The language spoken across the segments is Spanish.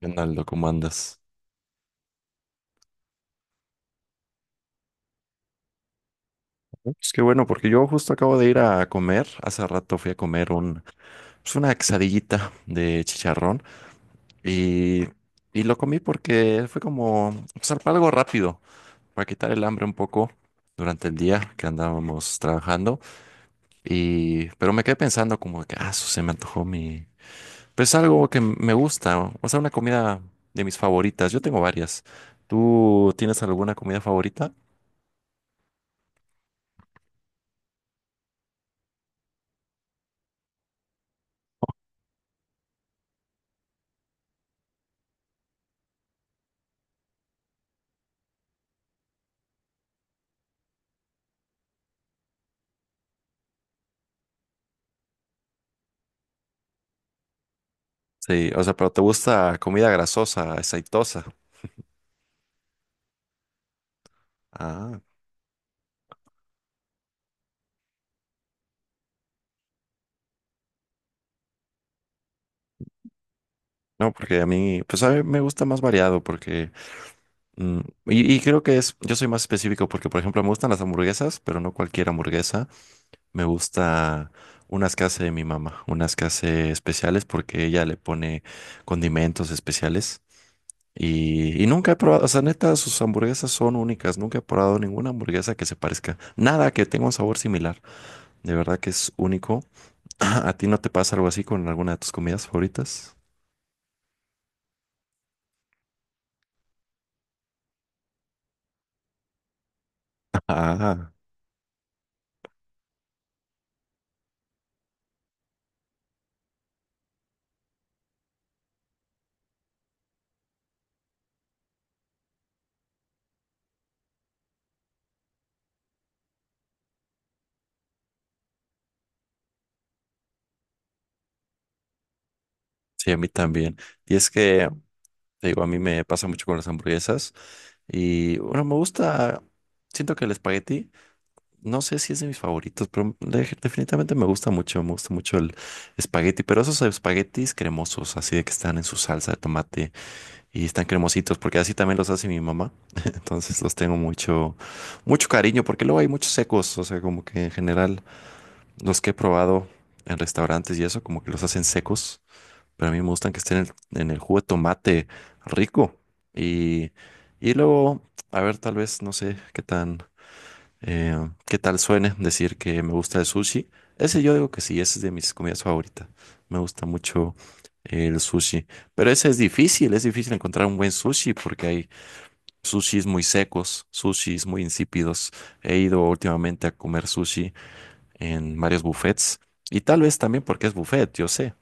Leonardo, ¿cómo andas? Es que bueno, porque yo justo acabo de ir a comer. Hace rato fui a comer un, pues una quesadillita de chicharrón y, y lo comí porque fue como pues, algo rápido para quitar el hambre un poco durante el día que andábamos trabajando. Y, pero me quedé pensando como que, ah, su, se me antojó mi... Pues algo que me gusta, o sea, una comida de mis favoritas. Yo tengo varias. ¿Tú tienes alguna comida favorita? Sí, o sea, pero ¿te gusta comida grasosa, aceitosa? Ah, no, porque a mí, pues a mí me gusta más variado porque, mm, y creo que es, yo soy más específico porque, por ejemplo, me gustan las hamburguesas, pero no cualquier hamburguesa. Me gusta unas que hace mi mamá, unas que hace especiales porque ella le pone condimentos especiales. Y nunca he probado, o sea, neta, sus hamburguesas son únicas. Nunca he probado ninguna hamburguesa que se parezca. Nada que tenga un sabor similar. De verdad que es único. ¿A ti no te pasa algo así con alguna de tus comidas favoritas? Ah, sí, a mí también. Y es que, te digo, a mí me pasa mucho con las hamburguesas. Y bueno, me gusta, siento que el espagueti, no sé si es de mis favoritos, pero definitivamente me gusta mucho el espagueti, pero esos espaguetis cremosos, así de que están en su salsa de tomate y están cremositos, porque así también los hace mi mamá. Entonces los tengo mucho, mucho cariño, porque luego hay muchos secos, o sea, como que en general. Los que he probado en restaurantes y eso, como que los hacen secos, pero a mí me gustan que estén en en el jugo de tomate rico. Y, y luego, a ver, tal vez, no sé qué tan, qué tal suene decir que me gusta el sushi. Ese yo digo que sí, ese es de mis comidas favoritas. Me gusta mucho el sushi, pero ese es difícil encontrar un buen sushi porque hay sushis muy secos, sushis muy insípidos. He ido últimamente a comer sushi en varios buffets. Y tal vez también porque es buffet, yo sé,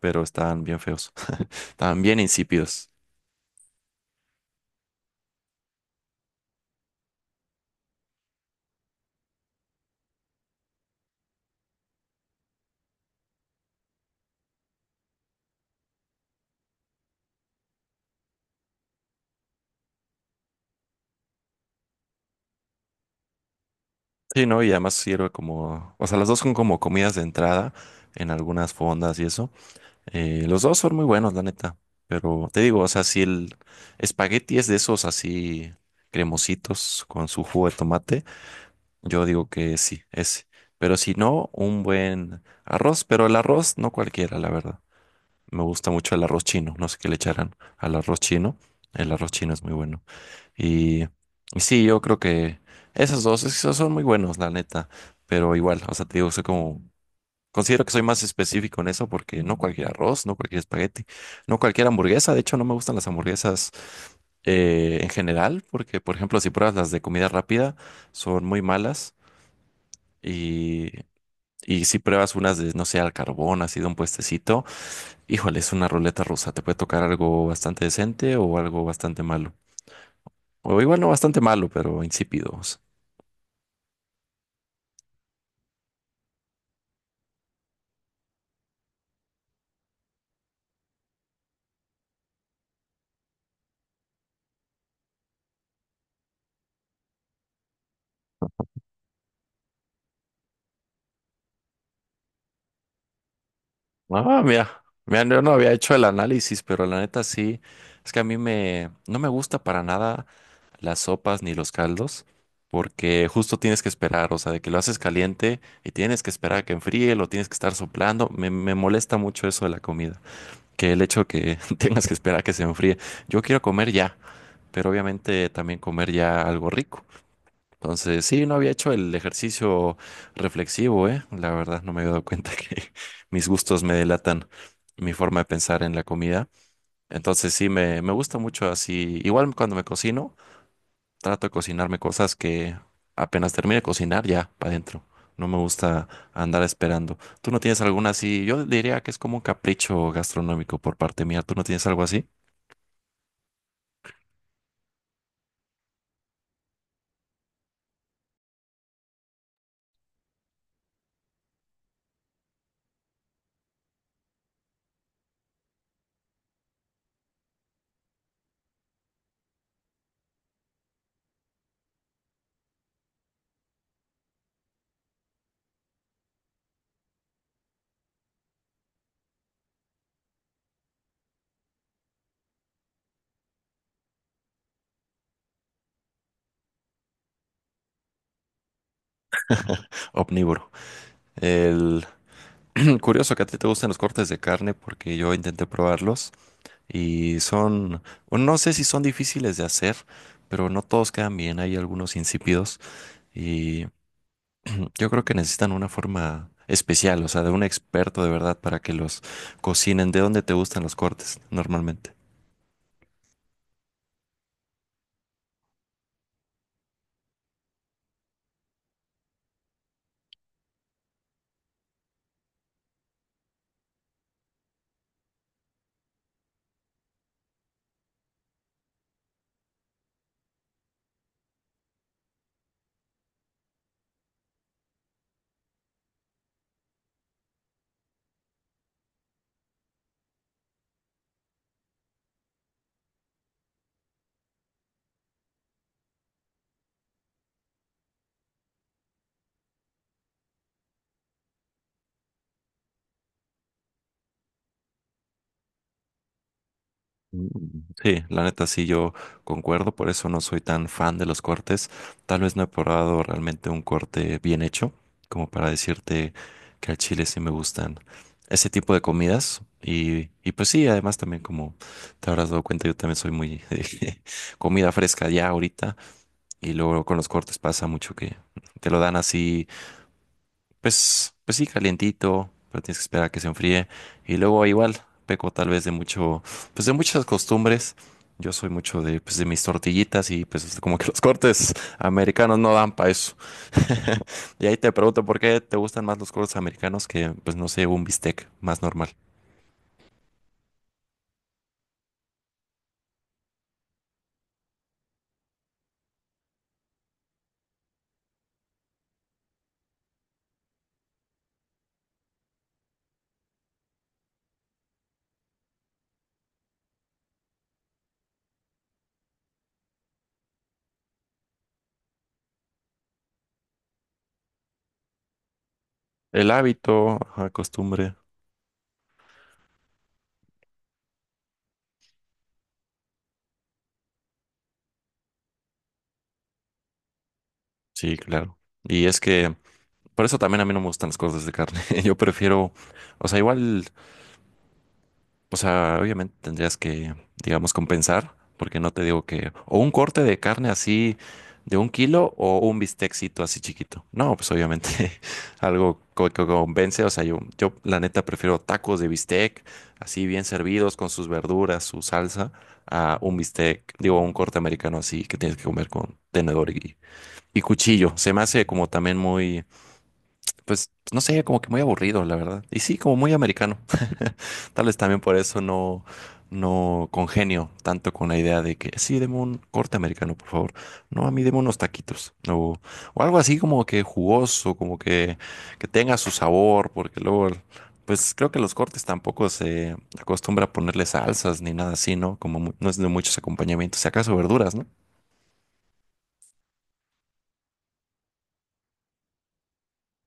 pero estaban bien feos, estaban bien insípidos. Sí, ¿no? Y además sirve como, o sea, los dos son como comidas de entrada en algunas fondas y eso. Los dos son muy buenos, la neta. Pero te digo, o sea, si el espagueti es de esos así cremositos con su jugo de tomate, yo digo que sí, ese. Pero si no, un buen arroz, pero el arroz no cualquiera, la verdad. Me gusta mucho el arroz chino, no sé qué le echarán al arroz chino. El arroz chino es muy bueno. Y, y sí, yo creo que esos dos, esos son muy buenos, la neta. Pero igual, o sea, te digo, soy como, considero que soy más específico en eso porque no cualquier arroz, no cualquier espagueti, no cualquier hamburguesa. De hecho, no me gustan las hamburguesas en general porque, por ejemplo, si pruebas las de comida rápida, son muy malas. Y, y si pruebas unas de, no sé, al carbón, así de un puestecito. Híjole, es una ruleta rusa. Te puede tocar algo bastante decente o algo bastante malo. O igual no bastante malo, pero insípidos. Ah, mira. Mira, yo no había hecho el análisis, pero la neta sí. Es que a mí me, no me gusta para nada las sopas ni los caldos, porque justo tienes que esperar, o sea, de que lo haces caliente y tienes que esperar a que enfríe, lo tienes que estar soplando. Me molesta mucho eso de la comida, que el hecho que tengas que esperar a que se enfríe. Yo quiero comer ya, pero obviamente también comer ya algo rico. Entonces, sí, no había hecho el ejercicio reflexivo, ¿eh? La verdad, no me había dado cuenta que mis gustos me delatan mi forma de pensar en la comida. Entonces, sí, me gusta mucho así. Igual cuando me cocino, trato de cocinarme cosas que apenas termine de cocinar, ya, para adentro. No me gusta andar esperando. ¿Tú no tienes alguna así? Yo diría que es como un capricho gastronómico por parte mía. ¿Tú no tienes algo así? Omnívoro. El... Curioso que a ti te gustan los cortes de carne porque yo intenté probarlos. Y son, bueno, no sé si son difíciles de hacer, pero no todos quedan bien. Hay algunos insípidos y yo creo que necesitan una forma especial, o sea, de un experto de verdad para que los cocinen. ¿De dónde te gustan los cortes normalmente? Mm, Sí, la neta sí, yo concuerdo, por eso no soy tan fan de los cortes. Tal vez no he probado realmente un corte bien hecho, como para decirte que al chile sí me gustan ese tipo de comidas. Y pues sí, además también como te habrás dado cuenta, yo también soy muy de comida fresca ya ahorita. Y luego con los cortes pasa mucho que te lo dan así pues, pues sí, calientito, pero tienes que esperar a que se enfríe. Y luego igual, peco tal vez de mucho, pues de muchas costumbres. Yo soy mucho de, pues de mis tortillitas y pues como que los cortes americanos no dan para eso. Y ahí te pregunto por qué te gustan más los cortes americanos que, pues no sé, un bistec más normal. El hábito, ajá, costumbre. Sí, claro. Y es que por eso también a mí no me gustan los cortes de carne. Yo prefiero, o sea, igual, o sea, obviamente tendrías que, digamos, compensar, porque no te digo que, o un corte de carne así de un kilo o un bistecito así chiquito. No, pues obviamente algo que convence. O sea, yo la neta prefiero tacos de bistec, así bien servidos con sus verduras, su salsa, a un bistec, digo, un corte americano así que tienes que comer con tenedor y cuchillo. Se me hace como también muy, pues, no sé, como que muy aburrido, la verdad. Y sí, como muy americano. Tal vez también por eso no, no congenio tanto con la idea de que sí, deme un corte americano, por favor. No, a mí deme unos taquitos. O algo así como que jugoso, como que tenga su sabor, porque luego, pues creo que los cortes tampoco se acostumbra a ponerle salsas ni nada así, ¿no? Como no es de muchos acompañamientos, si acaso verduras, ¿no?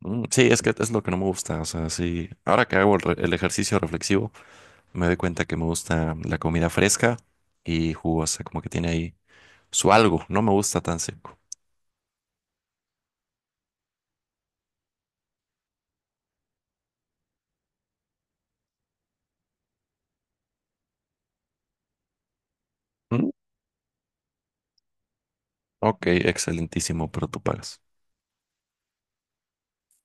Sí, es que es lo que no me gusta, o sea, sí, ahora que hago el, el ejercicio reflexivo, me doy cuenta que me gusta la comida fresca y jugosa, como que tiene ahí su algo, no me gusta tan seco. Mm, Ok, excelentísimo, pero tú pagas.